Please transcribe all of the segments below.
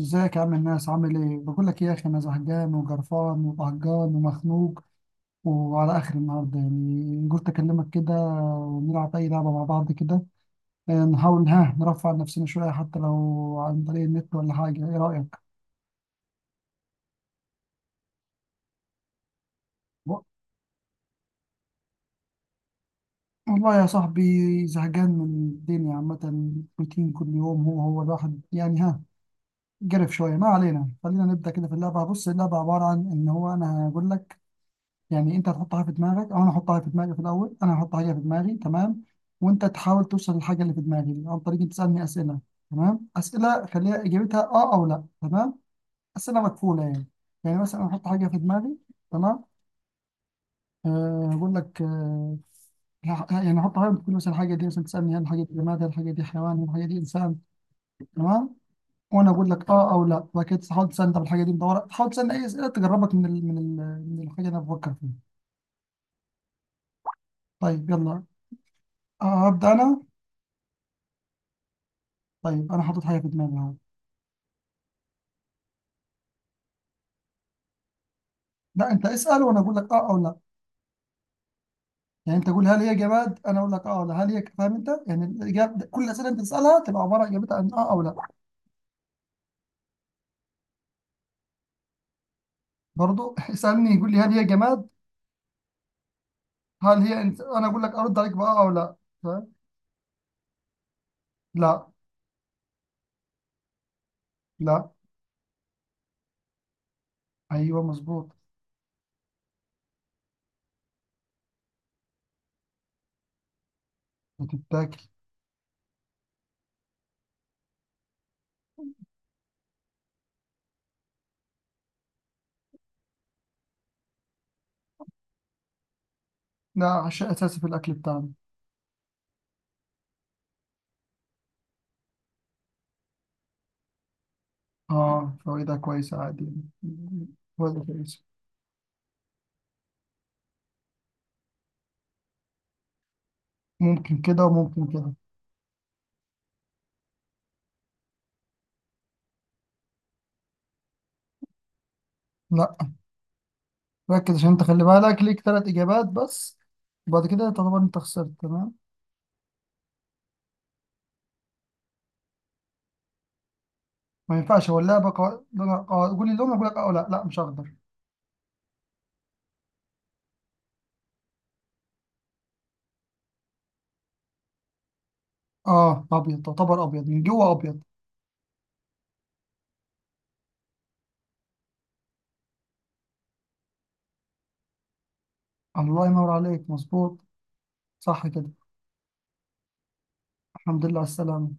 ازيك يا عم الناس عامل ايه؟ بقول لك ايه يا اخي، انا زهقان وجرفان وقهقان ومخنوق، وعلى اخر النهارده يعني قلت اكلمك كده، ونلعب اي لعبه مع بعض كده. نحاول نرفع عن نفسنا شويه حتى لو عن طريق النت ولا حاجه. ايه رايك؟ و- والله يا صاحبي، زهقان من الدنيا عامه، روتين كل يوم هو هو الواحد يعني. قرف شويه. ما علينا، خلينا نبدا كده في اللعبه. بص، اللعبه عباره عن ان هو انا هقول لك، يعني انت هتحطها في دماغك او انا احطها في دماغي. في الاول انا هحط حاجه في دماغي، تمام، وانت تحاول توصل للحاجه اللي في دماغي دي عن طريق إنك تسالني اسئله. تمام، اسئله خليها اجابتها اه او لا. تمام، اسئله مكفوله يعني. يعني مثلا انا احط حاجه في دماغي، تمام. أه، هقول لك. يعني احط حاجه، تقول مثلا الحاجه دي، مثلا تسالني هل الحاجه دي جماد، هل الحاجه دي حيوان، هل الحاجه دي انسان، تمام، وانا اقول لك اه او لا. وبعد كده تحاول تسالني طب الحاجه دي مدوره، تحاول تسالني اي اسئله تجربك من الحاجه اللي انا بفكر فيها. طيب يلا. ابدا انا. طيب انا حاطط حاجه في دماغي اهو. لا، انت اسال وانا اقول لك اه او لا. يعني انت قول هل هي جماد، انا اقول لك اه او لا. هل هي فاهم انت؟ يعني الاجابه، كل الاسئله انت تسالها تبقى عباره اجابتها عن اه او لا. برضو اسالني، يقول لي هل هي جماد. هل هي انت انا اقول لك ارد عليك باه او لا. فاهم. لا. لا. ايوه مظبوط. بتتاكل. لا، عشاء اساسي في الاكل بتاعنا. اه، فوائدها كويسه عادي. فوائدها كويسه. ممكن كده وممكن كده. لا. ركز عشان انت خلي بالك ليك ثلاث اجابات بس، وبعد كده تعتبر انت خسرت. تمام. ما ينفعش، هو اللعبه قول لي لون، اقول لك اه. لا لا، مش اخضر. اه، ابيض تعتبر، ابيض من جوه، ابيض. الله ينور عليك، مظبوط. صح كده. الحمد لله على السلامه.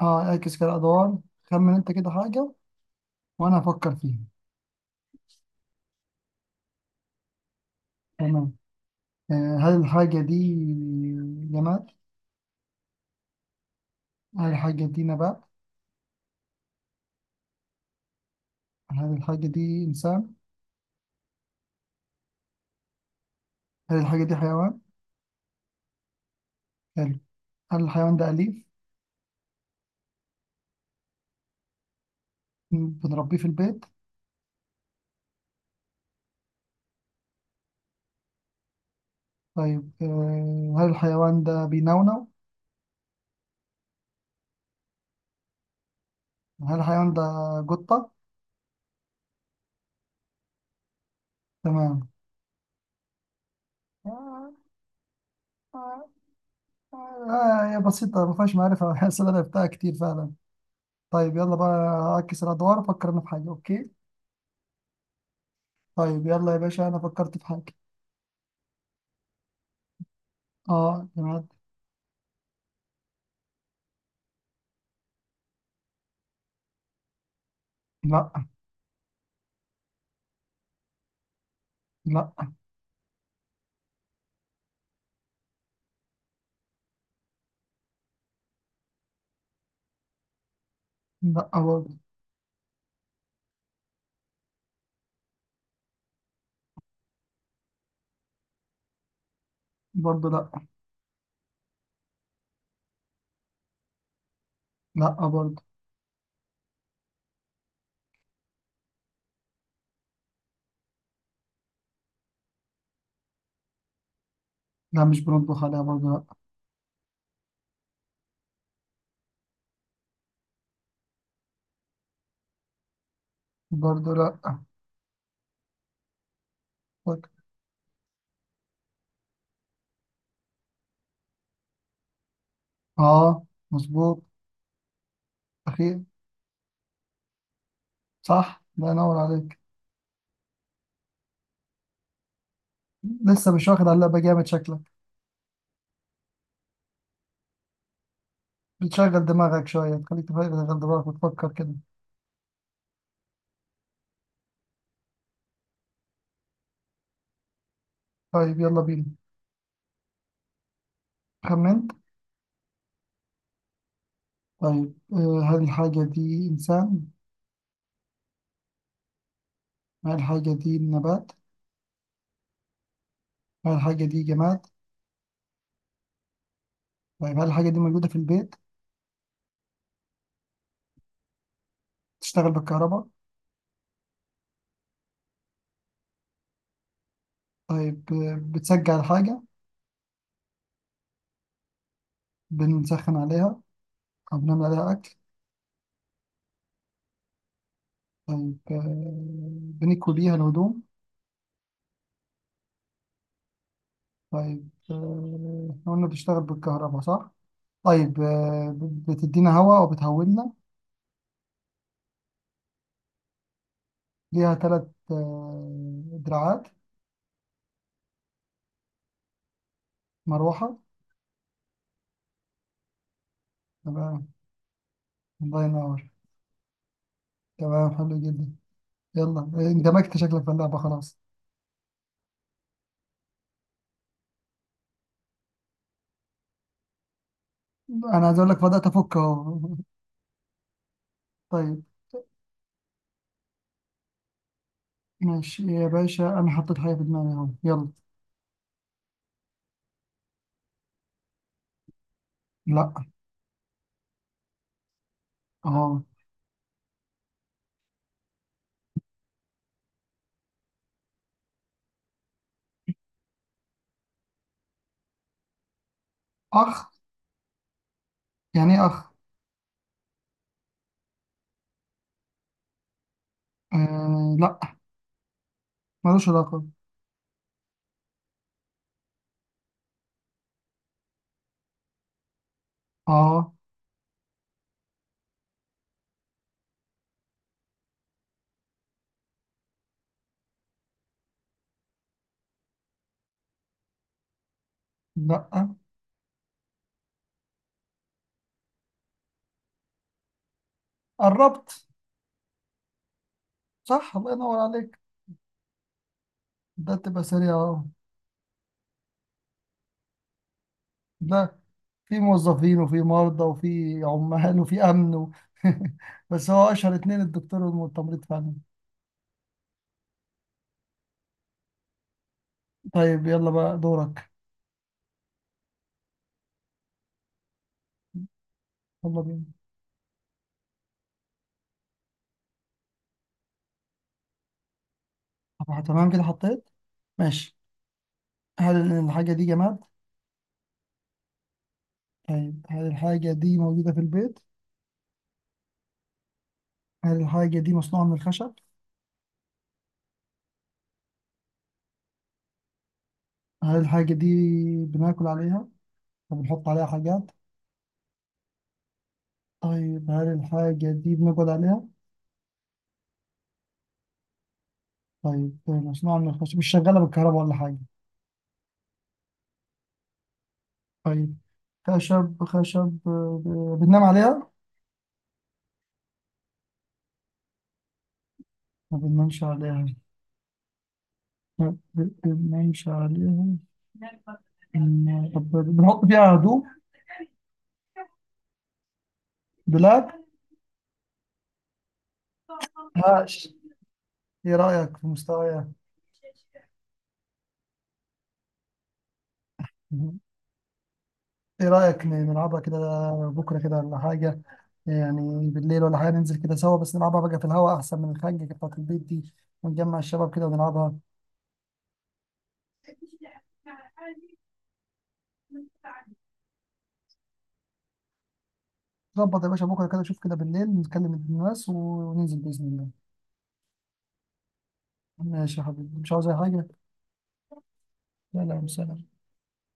اه، اعكس كده ادوار. خمن انت كده حاجه وانا افكر فيها. تمام. هل الحاجه دي جماد؟ هل الحاجه دي نبات؟ هل الحاجه دي انسان؟ هل الحاجه دي حيوان؟ حلو. هل الحيوان ده اليف؟ بنربيه في البيت؟ طيب، هل الحيوان ده بينونو؟ هل الحيوان ده قطه؟ تمام. آه هي بسيطة ما فيهاش معرفة. بحس إن أنا لعبتها كتير فعلا. طيب يلا بقى. أعكس الأدوار، أفكر أنا في حاجة. أوكي. طيب يلا يا باشا، أنا فكرت في حاجة. أه جماد. لا. لا. لا برضه. برضه لا. لا برضه. لا، مش بنطبخ عليها. برضه لا. برضه لا. برضه. أه مظبوط. أخير. صح، الله ينور عليك. لسه مش واخد على اللعبة جامد شكلك. بتشغل دماغك شوية، تخليك تشغل دماغك وتفكر كده. طيب يلا بينا. خمنت. طيب هل الحاجة دي إنسان؟ هل الحاجة دي نبات؟ هل الحاجة دي جماد؟ طيب هل الحاجة دي موجودة في البيت؟ بتشتغل بالكهرباء؟ طيب بتسجل الحاجة؟ بنسخن عليها أو بنعمل عليها أكل؟ طيب بنكوي بيها الهدوم؟ طيب إحنا قلنا بتشتغل بالكهرباء صح؟ طيب، بتدينا هواء وبتهولنا. ليها ثلاث دراعات. مروحة. تمام. الله ينور. تمام، حلو جدا. يلا، اندمجت شكلك في اللعبة خلاص. انا عايز اقول لك بدأت افك اهو. طيب ماشي يا باشا، انا حطيت حاجة في دماغي اهو. يلا. لا. اه. اخ. يعني ايه اخ؟ آه، لا، ملوش علاقة. اه. لا، قربت. صح، الله ينور عليك. ده تبقى سريع اهو. لا، في موظفين وفي مرضى وفي عمال وفي امن و... بس هو اشهر اتنين الدكتور والتمريض فعلا. طيب يلا بقى دورك. يلا بينا. طب تمام كده حطيت. ماشي. هل الحاجة دي جماد؟ طيب هل الحاجة دي موجودة في البيت؟ هل الحاجة دي مصنوعة من الخشب؟ هل الحاجة دي بناكل عليها؟ طب بنحط عليها حاجات؟ طيب هل الحاجة دي بنقعد عليها؟ طيب، مصنوعة من الخشب، مش شغالة بالكهرباء ولا حاجة. طيب، خشب خشب. بننام عليها؟ ما بننامش عليها. ما بننامش عليها. طب بنحط فيها هدوم. دولاب؟ هاش. ايه رأيك في مستوايا؟ ايه رأيك نلعبها كده بكرة كده ولا حاجة؟ يعني بالليل ولا حاجة، ننزل كده سوا، بس نلعبها بقى في الهواء أحسن من الخنجة بتاعة البيت دي، ونجمع الشباب كده ونلعبها. ظبط يا باشا، بكرة كده شوف كده بالليل، نتكلم الناس وننزل بإذن الله. ماشي يا حبيبي، مش عاوز أي حاجة. لا لا، سلام.